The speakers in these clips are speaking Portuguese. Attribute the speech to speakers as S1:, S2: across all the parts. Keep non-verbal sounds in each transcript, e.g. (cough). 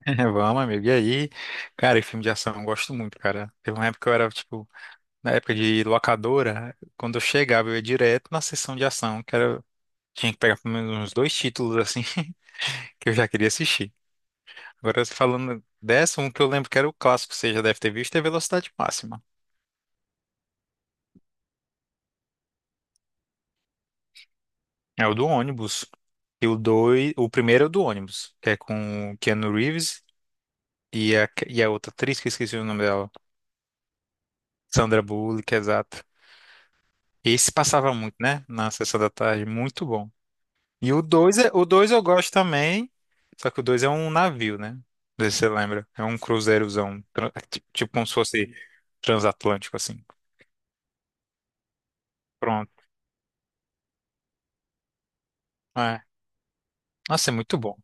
S1: (laughs) Vamos, amigo. E aí, cara, e filme de ação, eu gosto muito, cara. Teve uma época que eu era, tipo, na época de locadora, quando eu chegava, eu ia direto na sessão de ação, que era, tinha que pegar pelo menos uns dois títulos, assim, (laughs) que eu já queria assistir. Agora, falando dessa, um que eu lembro que era o clássico, você já deve ter visto, é Velocidade Máxima. É o do ônibus. E o dois, o primeiro é o do ônibus, que é com o Keanu Reeves e a outra atriz, que eu esqueci o nome dela, Sandra Bullock, exato. Esse passava muito, né? Na sessão da tarde, muito bom. E o 2 é, o 2 eu gosto também, só que o 2 é um navio, né? Não sei se você lembra. É um cruzeirozão, tipo como se fosse transatlântico, assim. Pronto. É. Nossa, é muito bom.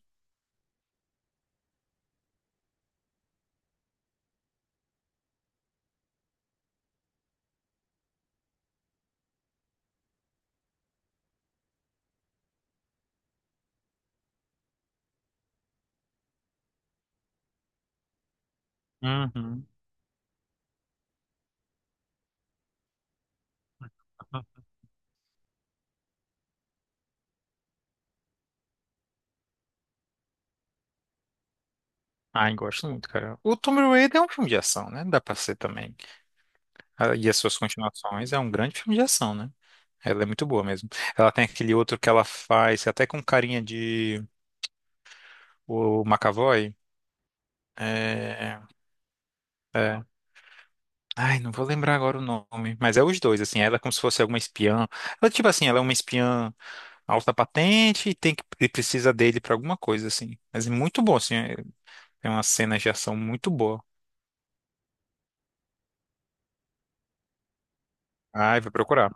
S1: Uhum. Ai, gosto muito, cara. O Tomb Raider é um filme de ação, né? Dá pra ser também. Ah, e as suas continuações é um grande filme de ação, né? Ela é muito boa mesmo. Ela tem aquele outro que ela faz, até com carinha de o McAvoy. É, é. Ai, não vou lembrar agora o nome, mas é os dois, assim, ela é como se fosse alguma espiã. Ela, tipo assim, ela é uma espiã alta patente e tem que e precisa dele pra alguma coisa, assim. Mas é muito bom, assim, é, tem umas cenas de ação muito boa. Ai, vou procurar.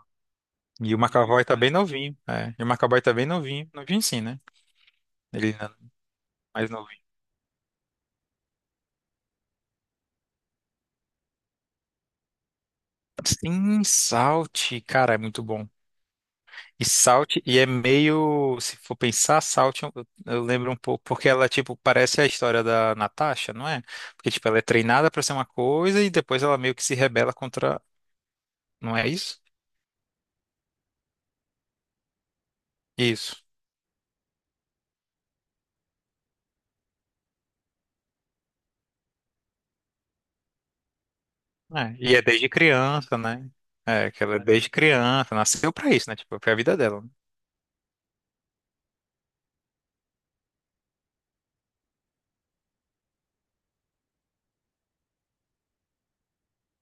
S1: E o McAvoy tá bem novinho, é. E o McAvoy tá bem novinho, novinho sim, né? Ele ainda é mais novinho. Sim, Salt, cara, é muito bom. E Salt, e é meio, se for pensar, Salt, eu lembro um pouco, porque ela, tipo, parece a história da Natasha, não é? Porque, tipo, ela é treinada pra ser uma coisa e depois ela meio que se rebela contra, não é isso? Isso. É, e é desde criança, né? É, que ela é desde criança, nasceu pra isso, né? Tipo, foi a vida dela, né?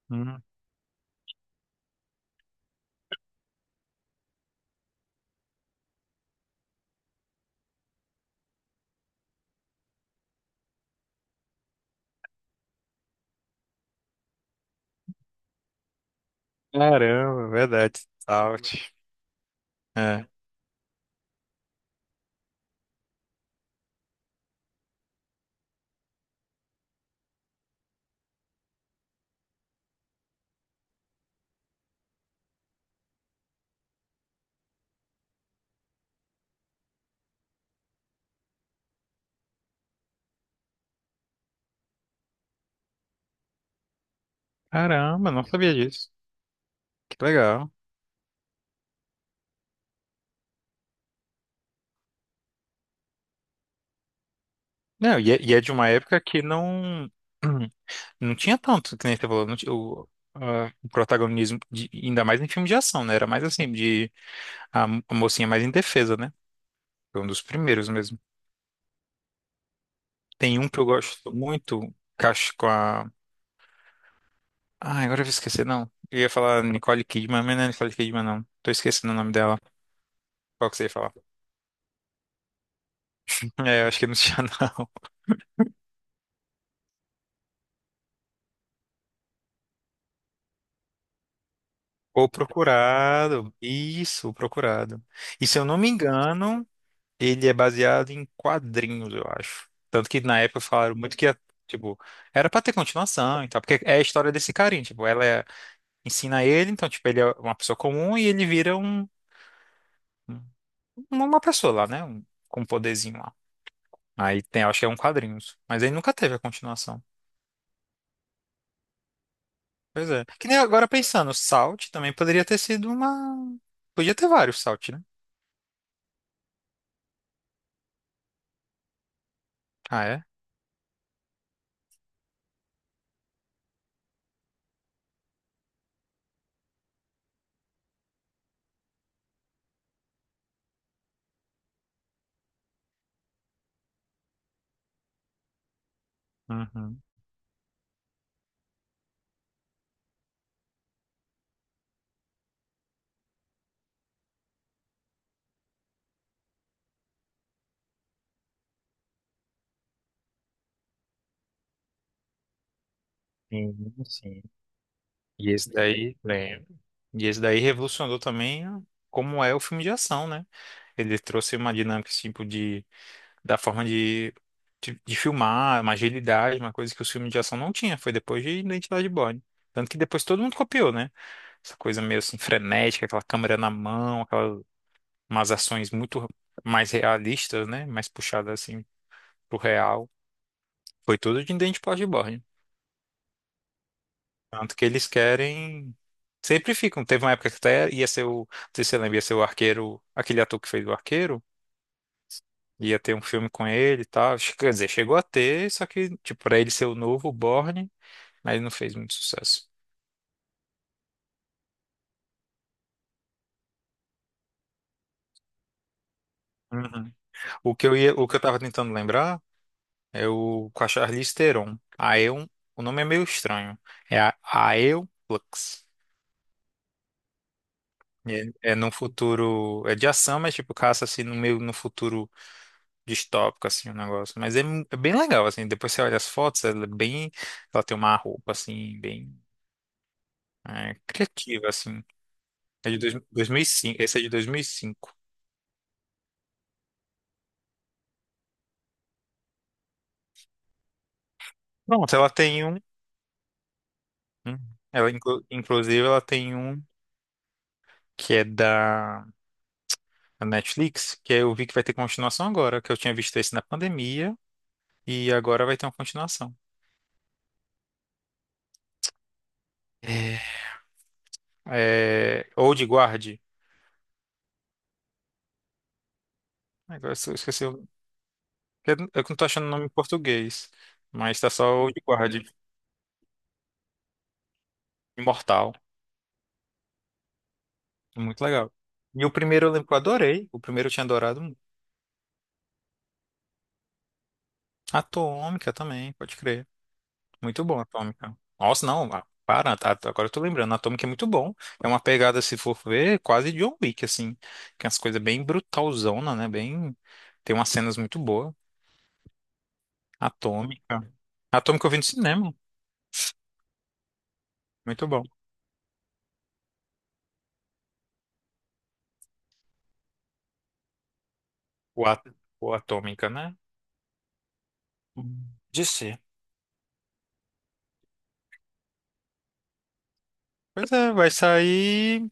S1: Hum, caramba, verdade, Salt. É. Caramba, não sabia disso. Que legal. Não, e é de uma época que não. (clears throat) Não tinha tanto, que nem você falou, não ti- o, a- o protagonismo, de- ainda mais em filme de ação, né? Era mais assim, de a mocinha mais indefesa, né? Foi um dos primeiros mesmo. Tem um que eu gosto muito, Cacho com a. Ah, agora eu vou esquecer, não. Eu ia falar Nicole Kidman, mas não é Nicole Kidman, não. Tô esquecendo o nome dela. Qual que você ia falar? (laughs) É, eu acho que não tinha, não. (laughs) O Procurado. Isso, o Procurado. E se eu não me engano, ele é baseado em quadrinhos, eu acho. Tanto que na época falaram muito que, ia, tipo, era pra ter continuação e tal, porque é a história desse carinha, tipo, ela é- ensina ele, então, tipo, ele é uma pessoa comum e ele vira um- uma pessoa lá, né? Um, com um poderzinho lá. Aí tem, acho que é um quadrinhos, mas ele nunca teve a continuação. Pois é. Que nem agora pensando, o Salt também poderia ter sido uma... Podia ter vários Salt, né? Ah, é? Uhum. Sim, sim. E esse daí, lembro. E esse daí revolucionou também como é o filme de ação, né? Ele trouxe uma dinâmica, esse tipo, de, da forma de, de filmar, uma agilidade, uma coisa que os filmes de ação não tinha. Foi depois de Identidade Born. Tanto que depois todo mundo copiou, né? Essa coisa meio assim frenética, aquela câmera na mão, aquelas umas ações muito mais realistas, né? Mais puxadas assim pro real. Foi tudo de Identidade Born. Tanto que eles querem. Sempre ficam. Teve uma época que até ia ser o. Não sei se você lembra, ia ser o arqueiro. Aquele ator que fez o arqueiro. Ia ter um filme com ele e tal. Quer dizer, chegou a ter, só que, tipo, pra ele ser o novo Borne, mas ele não fez muito sucesso. Uhum. O que eu ia, o que eu tava tentando lembrar é o com a Charlize Theron. Aeon, o nome é meio estranho. É a Aeon Flux. É, é num futuro. É de ação, mas tipo, caça assim no meio no futuro distópico, assim, o negócio. Mas é, é bem legal, assim. Depois você olha as fotos, ela é bem. Ela tem uma roupa, assim, bem é, criativa, assim. É de dois, 2005. Esse é de 2005. Pronto, ela tem um- ela, inclusive, ela tem um que é da da Netflix, que eu vi que vai ter continuação agora, que eu tinha visto esse na pandemia, e agora vai ter uma continuação. É, é, Old Guard. Agora eu esqueci. Eu não tô achando o nome em português, mas tá só Old Guard. Imortal. Muito legal. E o primeiro eu lembro que eu adorei. O primeiro eu tinha adorado muito. Atômica também, pode crer. Muito bom, Atômica. Nossa, não, ah, para, tá, tá, agora eu tô lembrando. Atômica é muito bom. É uma pegada, se for ver, quase John Wick, assim. Que é as coisas bem brutalzona, né? Bem. Tem umas cenas muito boas. Atômica. Atômica eu vi no cinema. Muito bom. O, at... o Atômica, né? De ser. Pois é, vai sair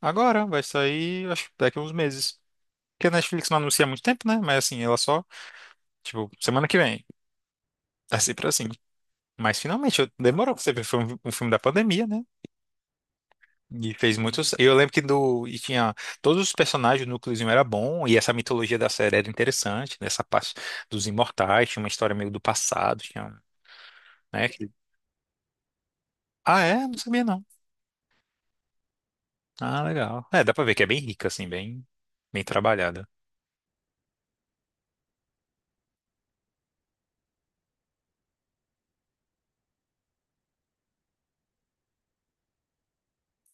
S1: agora. Vai sair, acho que daqui a uns meses. Porque a Netflix não anuncia há muito tempo, né? Mas assim, ela só, tipo, semana que vem. É sempre assim. Mas finalmente, eu- demorou pra você ver. Foi um filme da pandemia, né? E fez muitos. Eu lembro que do. E tinha. Todos os personagens, o núcleozinho era bom. E essa mitologia da série era interessante. Nessa parte dos imortais. Tinha uma história meio do passado. Tinha. Um- Né? que- Ah, é? Não sabia, não. Ah, legal. É, dá pra ver que é bem rica, assim, bem. Bem trabalhada.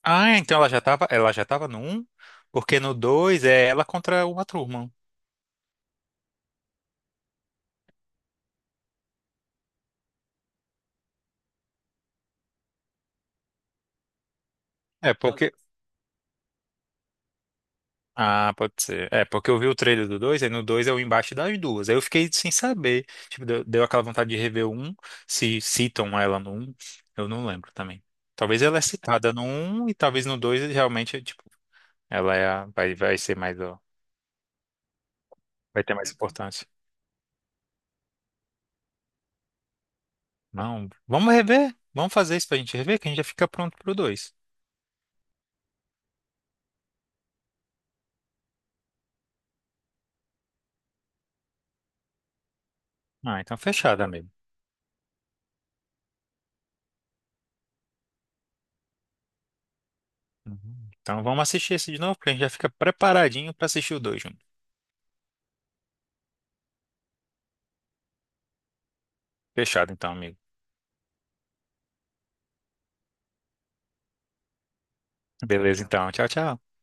S1: Ah, é? Então ela já tava. Ela já tava no um. Porque no 2 é ela contra uma turma. É, porque. Ah, pode ser. É, porque eu vi o trailer do dois, aí no 2 é o embate das duas. Aí eu fiquei sem saber. Tipo, deu, deu aquela vontade de rever o 1, se citam ela no um. Eu não lembro também. Talvez ela é citada no um e talvez no 2 realmente, tipo, ela é a- vai, vai ser mais, ó, vai ter mais importância. Não, vamos rever? Vamos fazer isso pra gente rever, que a gente já fica pronto pro dois. Ah, então fechado, amigo. Uhum. Então vamos assistir esse de novo, que a gente já fica preparadinho pra assistir o dois junto. Fechado então, amigo. Beleza, então. Tchau, tchau.